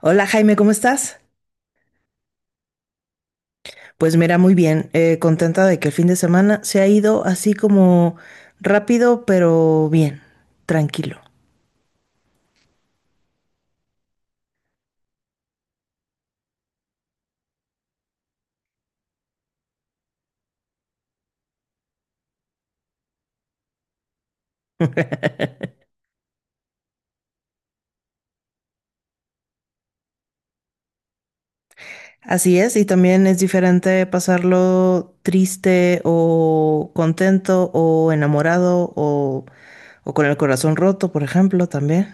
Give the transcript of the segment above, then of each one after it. Hola Jaime, ¿cómo estás? Pues mira, muy bien, contenta de que el fin de semana se ha ido así como rápido, pero bien, tranquilo. Así es, y también es diferente pasarlo triste o contento o enamorado o con el corazón roto, por ejemplo, también.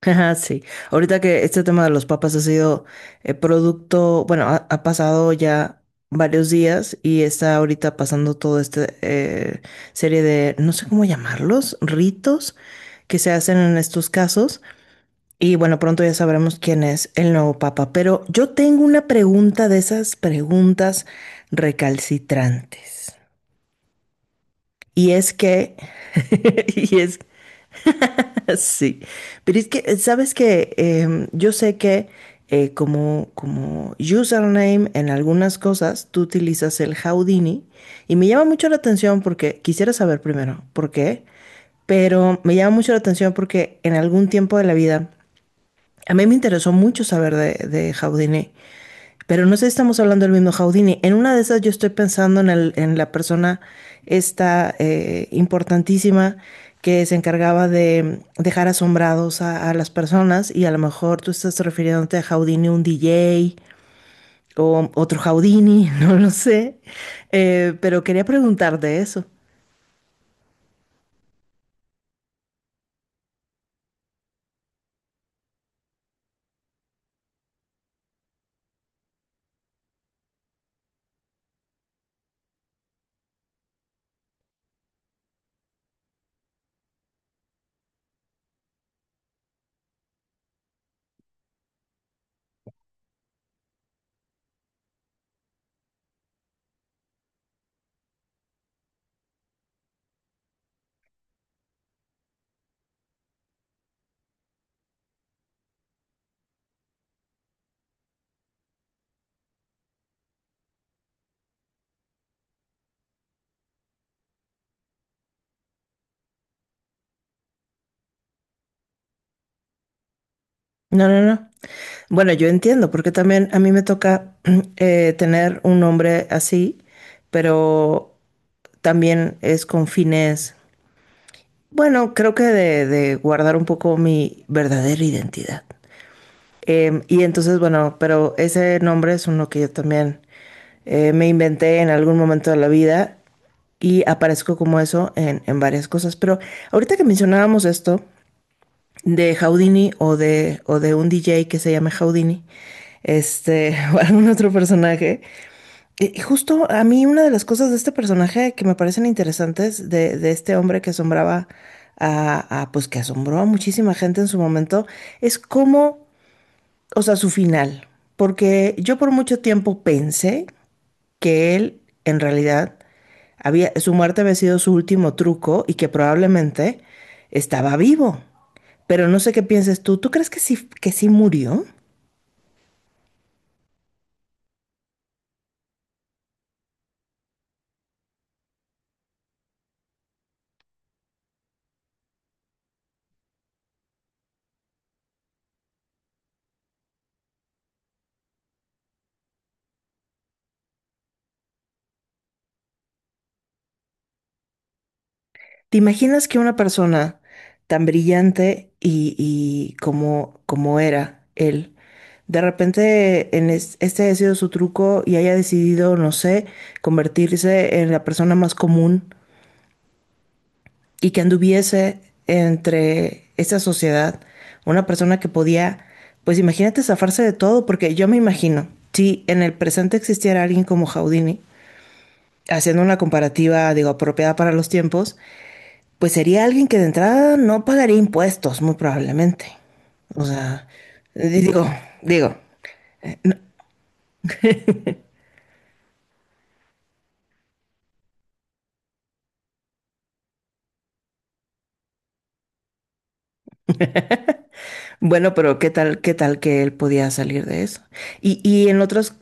Ajá, sí, ahorita que este tema de los papas ha sido producto, bueno, ha pasado ya varios días y está ahorita pasando toda esta serie de, no sé cómo llamarlos, ritos que se hacen en estos casos. Y bueno, pronto ya sabremos quién es el nuevo papa. Pero yo tengo una pregunta de esas preguntas recalcitrantes. Y es que, y es sí, pero es que, ¿sabes que yo sé que como username en algunas cosas tú utilizas el Houdini y me llama mucho la atención porque quisiera saber primero por qué, pero me llama mucho la atención porque en algún tiempo de la vida a mí me interesó mucho saber de Houdini, pero no sé si estamos hablando del mismo Houdini? En una de esas yo estoy pensando en la persona esta importantísima que se encargaba de dejar asombrados a las personas, y a lo mejor tú estás refiriéndote a Houdini, un DJ o otro Houdini, no lo sé. Pero quería preguntarte eso. No, no, no. Bueno, yo entiendo, porque también a mí me toca tener un nombre así, pero también es con fines. Bueno, creo que de guardar un poco mi verdadera identidad. Y entonces, bueno, pero ese nombre es uno que yo también, me inventé en algún momento de la vida y aparezco como eso en varias cosas. Pero ahorita que mencionábamos esto de Houdini o de un DJ que se llame Houdini, este, o algún otro personaje, y justo a mí una de las cosas de este personaje que me parecen interesantes de este hombre que asombraba a, pues que asombró a muchísima gente en su momento, es cómo, o sea, su final. Porque yo por mucho tiempo pensé que él, en realidad, había, su muerte había sido su último truco y que probablemente estaba vivo. Pero no sé qué pienses tú. ¿Tú crees que sí murió? ¿Te imaginas que una persona tan brillante como era él, de repente este haya sido su truco y haya decidido, no sé, convertirse en la persona más común y que anduviese entre esta sociedad, una persona que podía, pues imagínate zafarse de todo? Porque yo me imagino, si en el presente existiera alguien como Houdini, haciendo una comparativa, digo, apropiada para los tiempos, pues sería alguien que de entrada no pagaría impuestos, muy probablemente. O sea, di- digo, digo, bueno, pero qué tal que él podía salir de eso. Y en otros,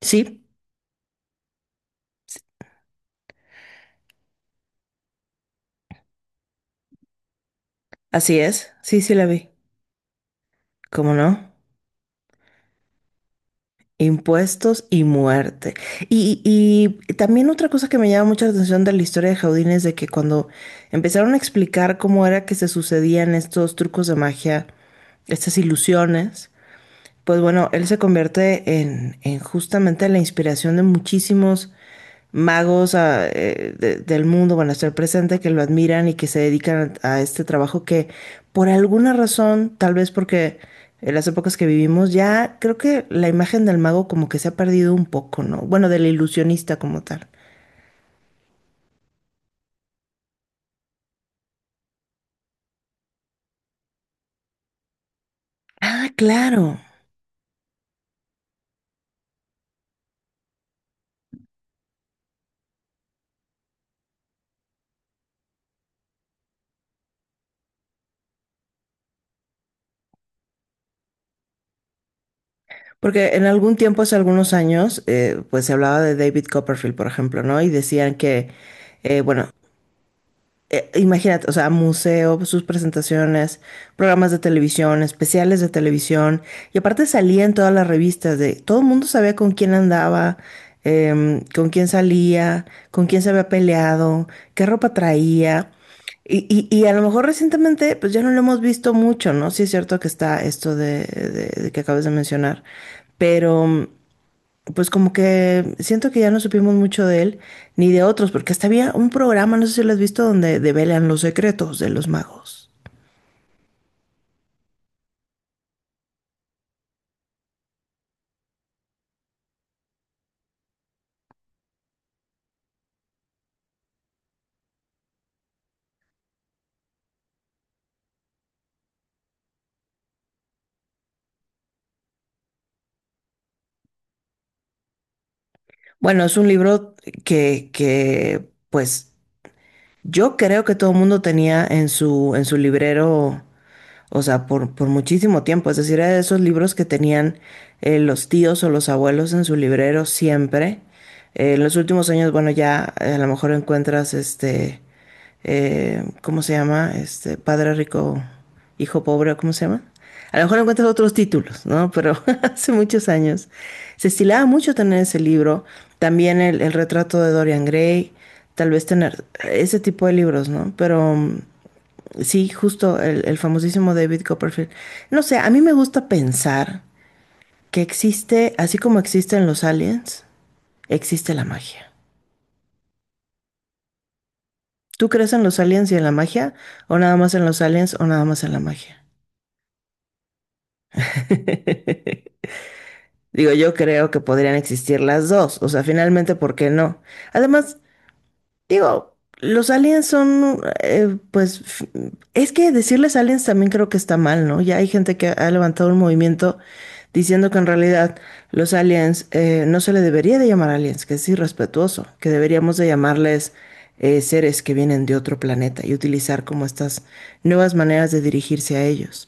sí, así es, sí, sí la vi. ¿Cómo no? Impuestos y muerte. Y también otra cosa que me llama mucha atención de la historia de Jaudine es de que cuando empezaron a explicar cómo era que se sucedían estos trucos de magia, estas ilusiones, pues bueno, él se convierte en justamente la inspiración de muchísimos magos, del mundo, bueno, hasta el presente, que lo admiran y que se dedican a este trabajo que por alguna razón, tal vez porque en las épocas que vivimos, ya creo que la imagen del mago como que se ha perdido un poco, ¿no? Bueno, del ilusionista como tal. Ah, claro. Porque en algún tiempo, hace algunos años, pues se hablaba de David Copperfield, por ejemplo, ¿no? Y decían que, bueno, imagínate, o sea, museo, sus presentaciones, programas de televisión, especiales de televisión, y aparte salía en todas las revistas de, todo el mundo sabía con quién andaba, con quién salía, con quién se había peleado, qué ropa traía. Y a lo mejor recientemente, pues ya no lo hemos visto mucho, ¿no? Sí es cierto que está esto de que acabas de mencionar, pero pues como que siento que ya no supimos mucho de él ni de otros, porque hasta había un programa, no sé si lo has visto, donde develan los secretos de los magos. Bueno, es un libro que pues yo creo que todo el mundo tenía en su librero, o sea, por muchísimo tiempo. Es decir, era de esos libros que tenían los tíos o los abuelos en su librero siempre. En los últimos años, bueno, ya a lo mejor encuentras este, ¿cómo se llama? Este, Padre Rico, Hijo Pobre, ¿cómo se llama? A lo mejor encuentras otros títulos, ¿no? Pero hace muchos años se estilaba mucho tener ese libro, también el retrato de Dorian Gray, tal vez tener ese tipo de libros, ¿no? Pero sí, justo el famosísimo David Copperfield. No sé, a mí me gusta pensar que existe, así como existen los aliens, existe la magia. ¿Tú crees en los aliens y en la magia? ¿O nada más en los aliens o nada más en la magia? Digo, yo creo que podrían existir las dos, o sea, finalmente, ¿por qué no? Además, digo, los aliens son, es que decirles aliens también creo que está mal, ¿no? Ya hay gente que ha levantado un movimiento diciendo que en realidad los aliens no se le debería de llamar aliens, que es irrespetuoso, que deberíamos de llamarles seres que vienen de otro planeta y utilizar como estas nuevas maneras de dirigirse a ellos.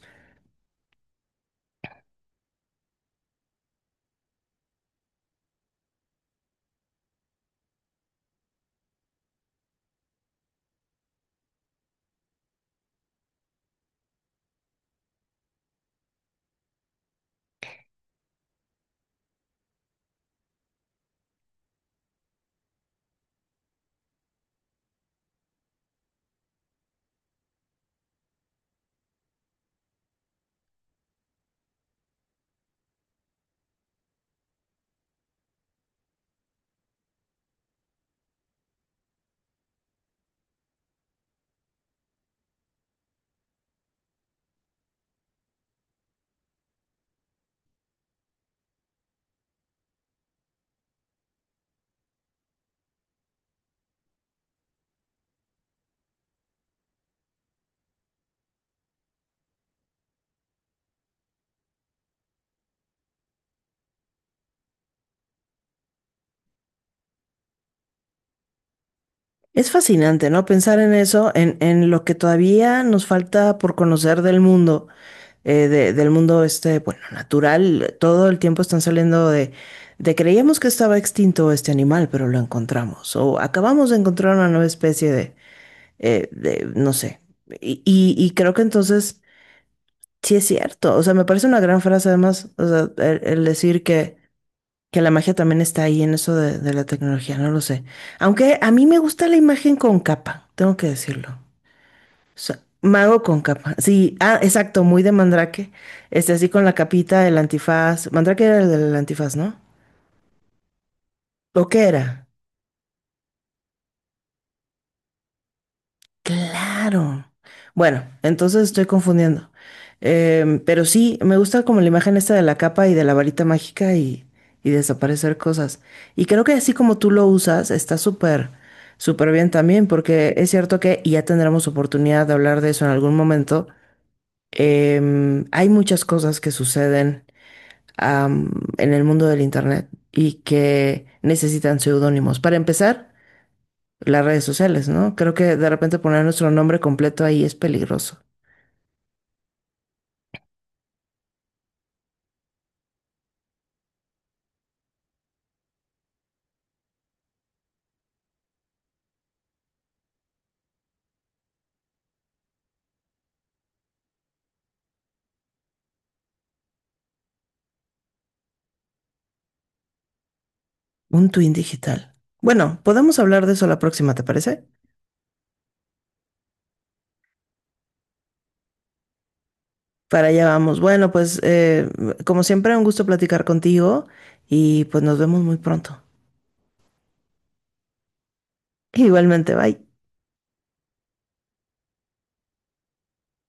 Es fascinante, ¿no?, pensar en eso, en lo que todavía nos falta por conocer del mundo, del mundo este, bueno, natural. Todo el tiempo están saliendo de creíamos que estaba extinto este animal, pero lo encontramos. O acabamos de encontrar una nueva especie de no sé. Y creo que entonces sí es cierto. O sea, me parece una gran frase además, o sea, el decir que la magia también está ahí en eso de la tecnología, no lo sé. Aunque a mí me gusta la imagen con capa, tengo que decirlo. O sea, mago con capa. Sí, ah, exacto, muy de Mandrake. Este, así con la capita, el antifaz. Mandrake era el del antifaz, ¿no? ¿O qué era? Claro. Bueno, entonces estoy confundiendo. Pero sí, me gusta como la imagen esta de la capa y de la varita mágica y desaparecer cosas. Y creo que así como tú lo usas, está súper, súper bien también, porque es cierto que, y ya tendremos oportunidad de hablar de eso en algún momento, hay muchas cosas que suceden, am, en el mundo del internet y que necesitan seudónimos. Para empezar, las redes sociales, ¿no? Creo que de repente poner nuestro nombre completo ahí es peligroso. Un twin digital. Bueno, podemos hablar de eso la próxima, ¿te parece? Para allá vamos. Bueno, pues como siempre, un gusto platicar contigo y pues nos vemos muy pronto. Igualmente, bye.